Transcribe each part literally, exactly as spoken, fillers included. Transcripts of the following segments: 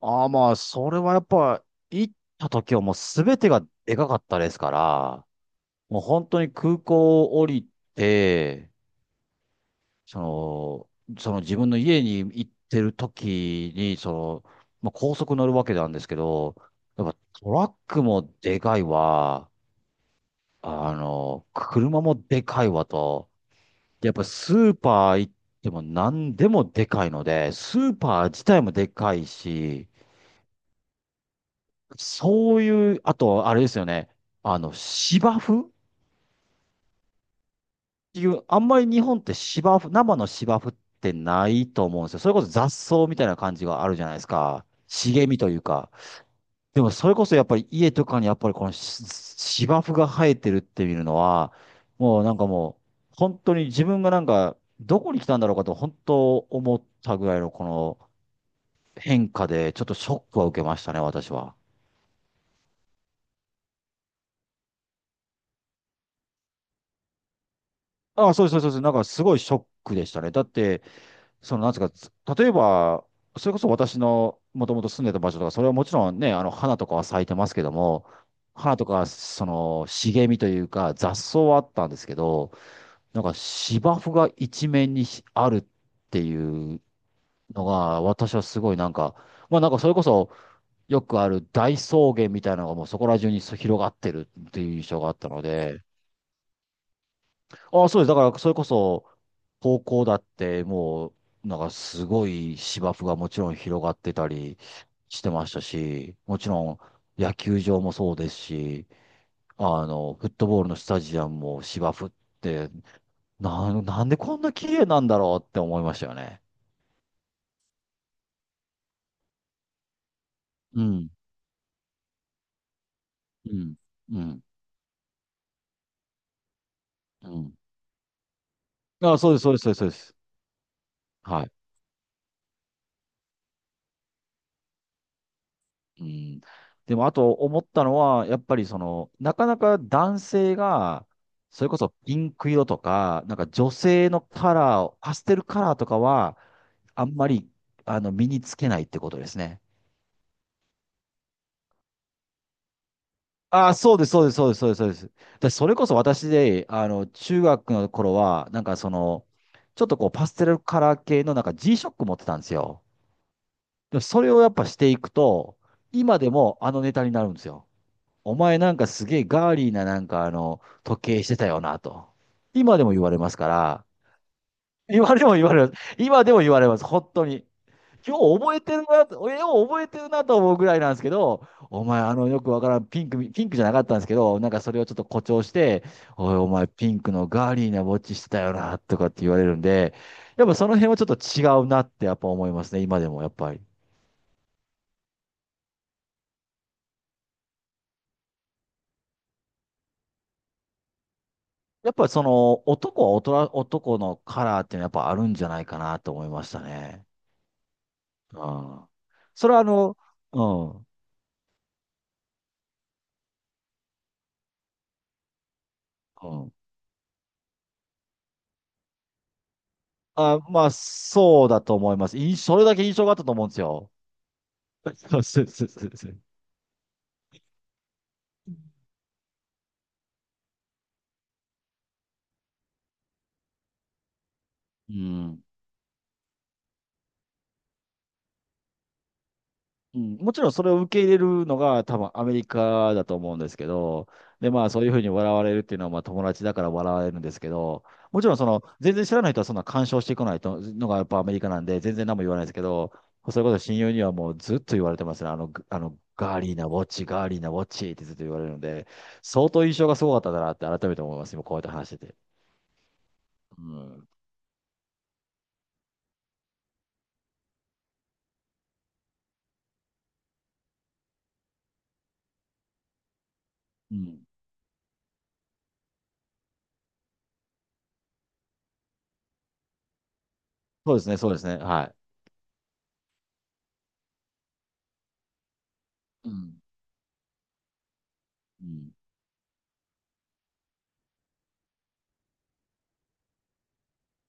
ああ、まあ、それはやっぱ、行った時はもう全てがでかかったですから、もう本当に空港を降りて、その、その自分の家に行ってる時に、その、まあ、高速乗るわけなんですけど、やっぱトラックもでかいわ、あの、車もでかいわと、でやっぱスーパー行っても何でもでかいので、スーパー自体もでかいし、そういう、あと、あれですよね。あの、芝生っていう、あんまり日本って芝生、生の芝生ってないと思うんですよ。それこそ雑草みたいな感じがあるじゃないですか。茂みというか。でも、それこそやっぱり家とかにやっぱりこのし芝生が生えてるって見るのは、もうなんかもう、本当に自分がなんか、どこに来たんだろうかと、本当思ったぐらいのこの変化で、ちょっとショックは受けましたね、私は。あ、そうですそうですそうです。なんかすごいショックでしたね。だって、その、なんですか、例えば、それこそ私のもともと住んでた場所とか、それはもちろんね、あの、花とかは咲いてますけども、花とか、その、茂みというか、雑草はあったんですけど、なんか芝生が一面にあるっていうのが、私はすごいなんか、まあなんかそれこそ、よくある大草原みたいなのがもうそこら中に広がってるっていう印象があったので、あ、そうです。だから、それこそ、高校だって、もう、なんかすごい芝生がもちろん広がってたりしてましたし、もちろん野球場もそうですし、あの、フットボールのスタジアムも芝生って、な、なんでこんな綺麗なんだろうって思いましたよね。うん。うん。うん。うん。あ、そうです、そうです、そうです。そうですはい。うん。でも、あと思ったのは、やっぱりその、なかなか男性が、それこそピンク色とか、なんか女性のカラーを、パステルカラーとかは、あんまり、あの、身につけないってことですね。ああ、そうです、そうです、そうです、そうです。そうです。で、それこそ私で、あの、中学の頃は、なんかその、ちょっとこう、パステルカラー系のなんか g ショック持ってたんですよ。でも、それをやっぱしていくと、今でもあのネタになるんですよ。お前なんかすげえガーリーななんかあの、時計してたよなと。今でも言われますから、今でも言われます。今でも言われます。本当に。よう覚えてるなと、よう覚えてるなと思うぐらいなんですけど、お前あのよくわからんピンク、ピンクじゃなかったんですけど、なんかそれをちょっと誇張して、おいお前ピンクのガーリーなウォッチしてたよなとかって言われるんで、やっぱその辺はちょっと違うなってやっぱ思いますね、今でもやっぱり。やっぱその男は大人、男のカラーっていうのはやっぱあるんじゃないかなと思いましたね。ああ。それはあの、うん、うん。あ、まあ、そうだと思います。印それだけ印象があったと思うんですよ。そうそうそうそう。うん。うん、もちろんそれを受け入れるのが多分アメリカだと思うんですけど、で、まあそういうふうに笑われるっていうのはまあ友達だから笑われるんですけど、もちろんその全然知らない人はそんな干渉してこないとのがやっぱアメリカなんで全然何も言わないですけど、そういうこと親友にはもうずっと言われてますね。あの、ぐあのガーリーなウォッチ、ガーリーなウォッチってずっと言われるので、相当印象がすごかったんだなって改めて思います。今こうやって話してて。うん。うん。そうですね、そうですね。はい。うん。うん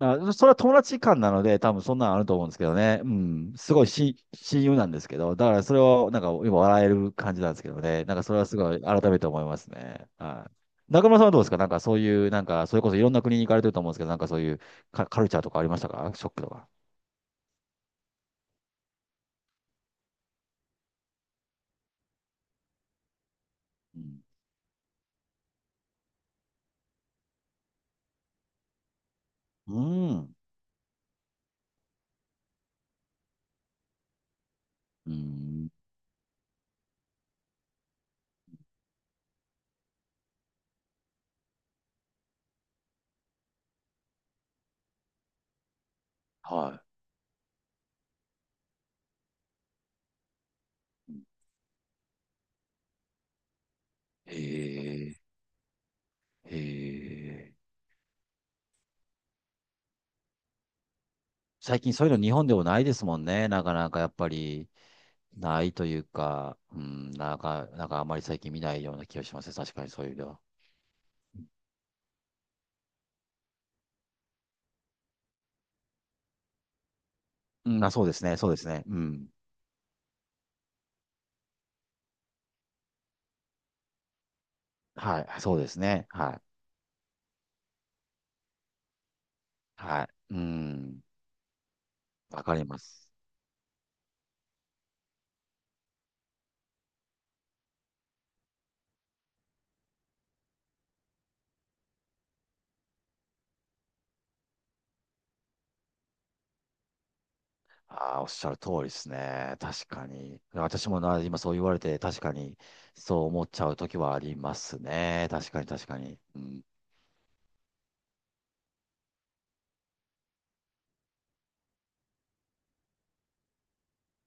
あ、それは友達間なので、多分そんなのあると思うんですけどね。うん。すごいし、親友なんですけど、だからそれをなんか今笑える感じなんですけどね。なんかそれはすごい改めて思いますね。はい。中村さんはどうですか、なんかそういう、なんかそれこそいろんな国に行かれてると思うんですけど、なんかそういうカ、カルチャーとかありましたか、ショックとか？うん。うん。うんはい。へえ。へえ。最近そういうの日本でもないですもんね。なかなかやっぱり。ないというか、うん、なんか、なんかあまり最近見ないような気がしますね。確かにそういう意味では。うん、あ、そうですね、そうですね。うん。はい、そうですね。はい。はい。うん。わかります。ああ、おっしゃる通りですね。確かに。私もな、今そう言われて、確かに、そう思っちゃう時はありますね。確かに、確かに。うん。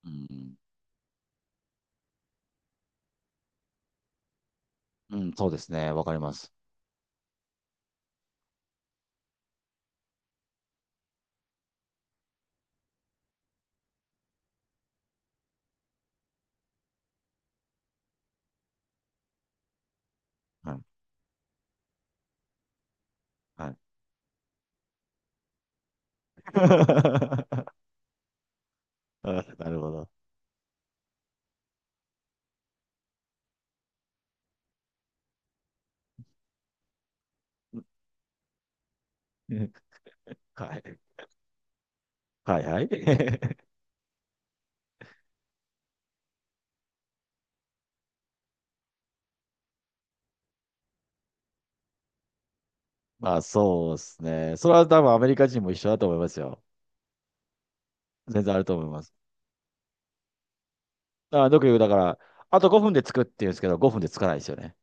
うん。うん、そうですね。わかります。はい。はい。なるほど。はい。はい、はい。まあそうですね。それは多分アメリカ人も一緒だと思いますよ。全然あると思います。あ、よく言う、だから、あとごふんで着くって言うんですけど、ごふんで着かないですよね。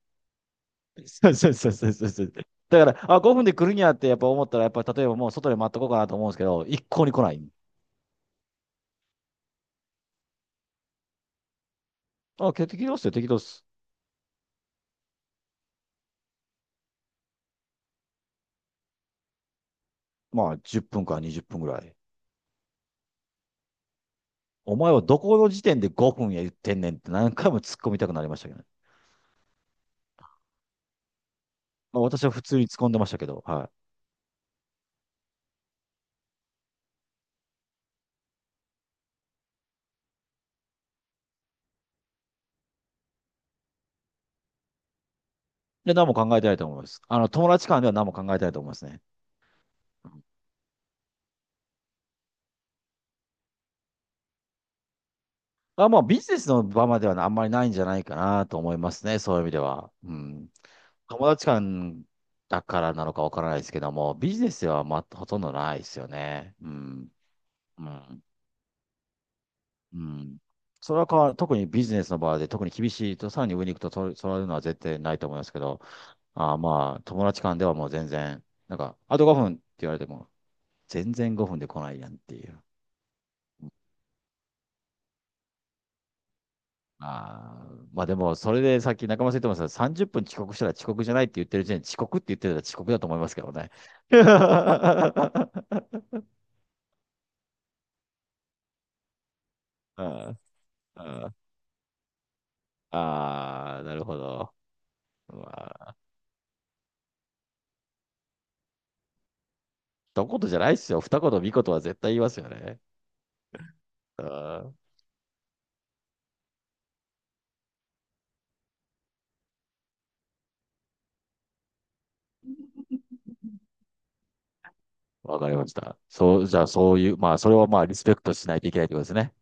そうそうそうそうそうそう。だから、あ、ごふんで来るんやってやっぱ思ったら、やっぱ例えばもう外で待っとこうかなと思うんですけど、一向に来ない。あ、け適当っすよ、適当っす。まあじゅっぷんからにじゅっぷんぐらい。お前はどこの時点でごふんや言ってんねんって何回も突っ込みたくなりましたけどね。まあ私は普通に突っ込んでましたけど、はい。で、何も考えてないと思います。あの、友達間では何も考えてないと思いますね。あ、まあ、ビジネスの場まではあんまりないんじゃないかなと思いますね。そういう意味では。うん。友達間だからなのかわからないですけども、ビジネスでは、まあ、ほとんどないですよね。うん。うん。うん。それは変わる、特にビジネスの場で、特に厳しいと、さらに上に行くと、そそういうのは絶対ないと思いますけど、あ、まあ、友達間ではもう全然、なんか、あとごふんって言われても、全然ごふんで来ないやんっていう。ああ、まあでも、それでさっき中村さん言ってましたさんじゅっぷん遅刻したら遅刻じゃないって言ってる時点で遅刻って言ってたら遅刻だと思いますけどね。ああ、ああなるほど。まあ、一言じゃないですよ。二言、三言は絶対言いますよね。ああ、わかりました。そう、じゃあそういう、まあそれをまあリスペクトしないといけないってことですね。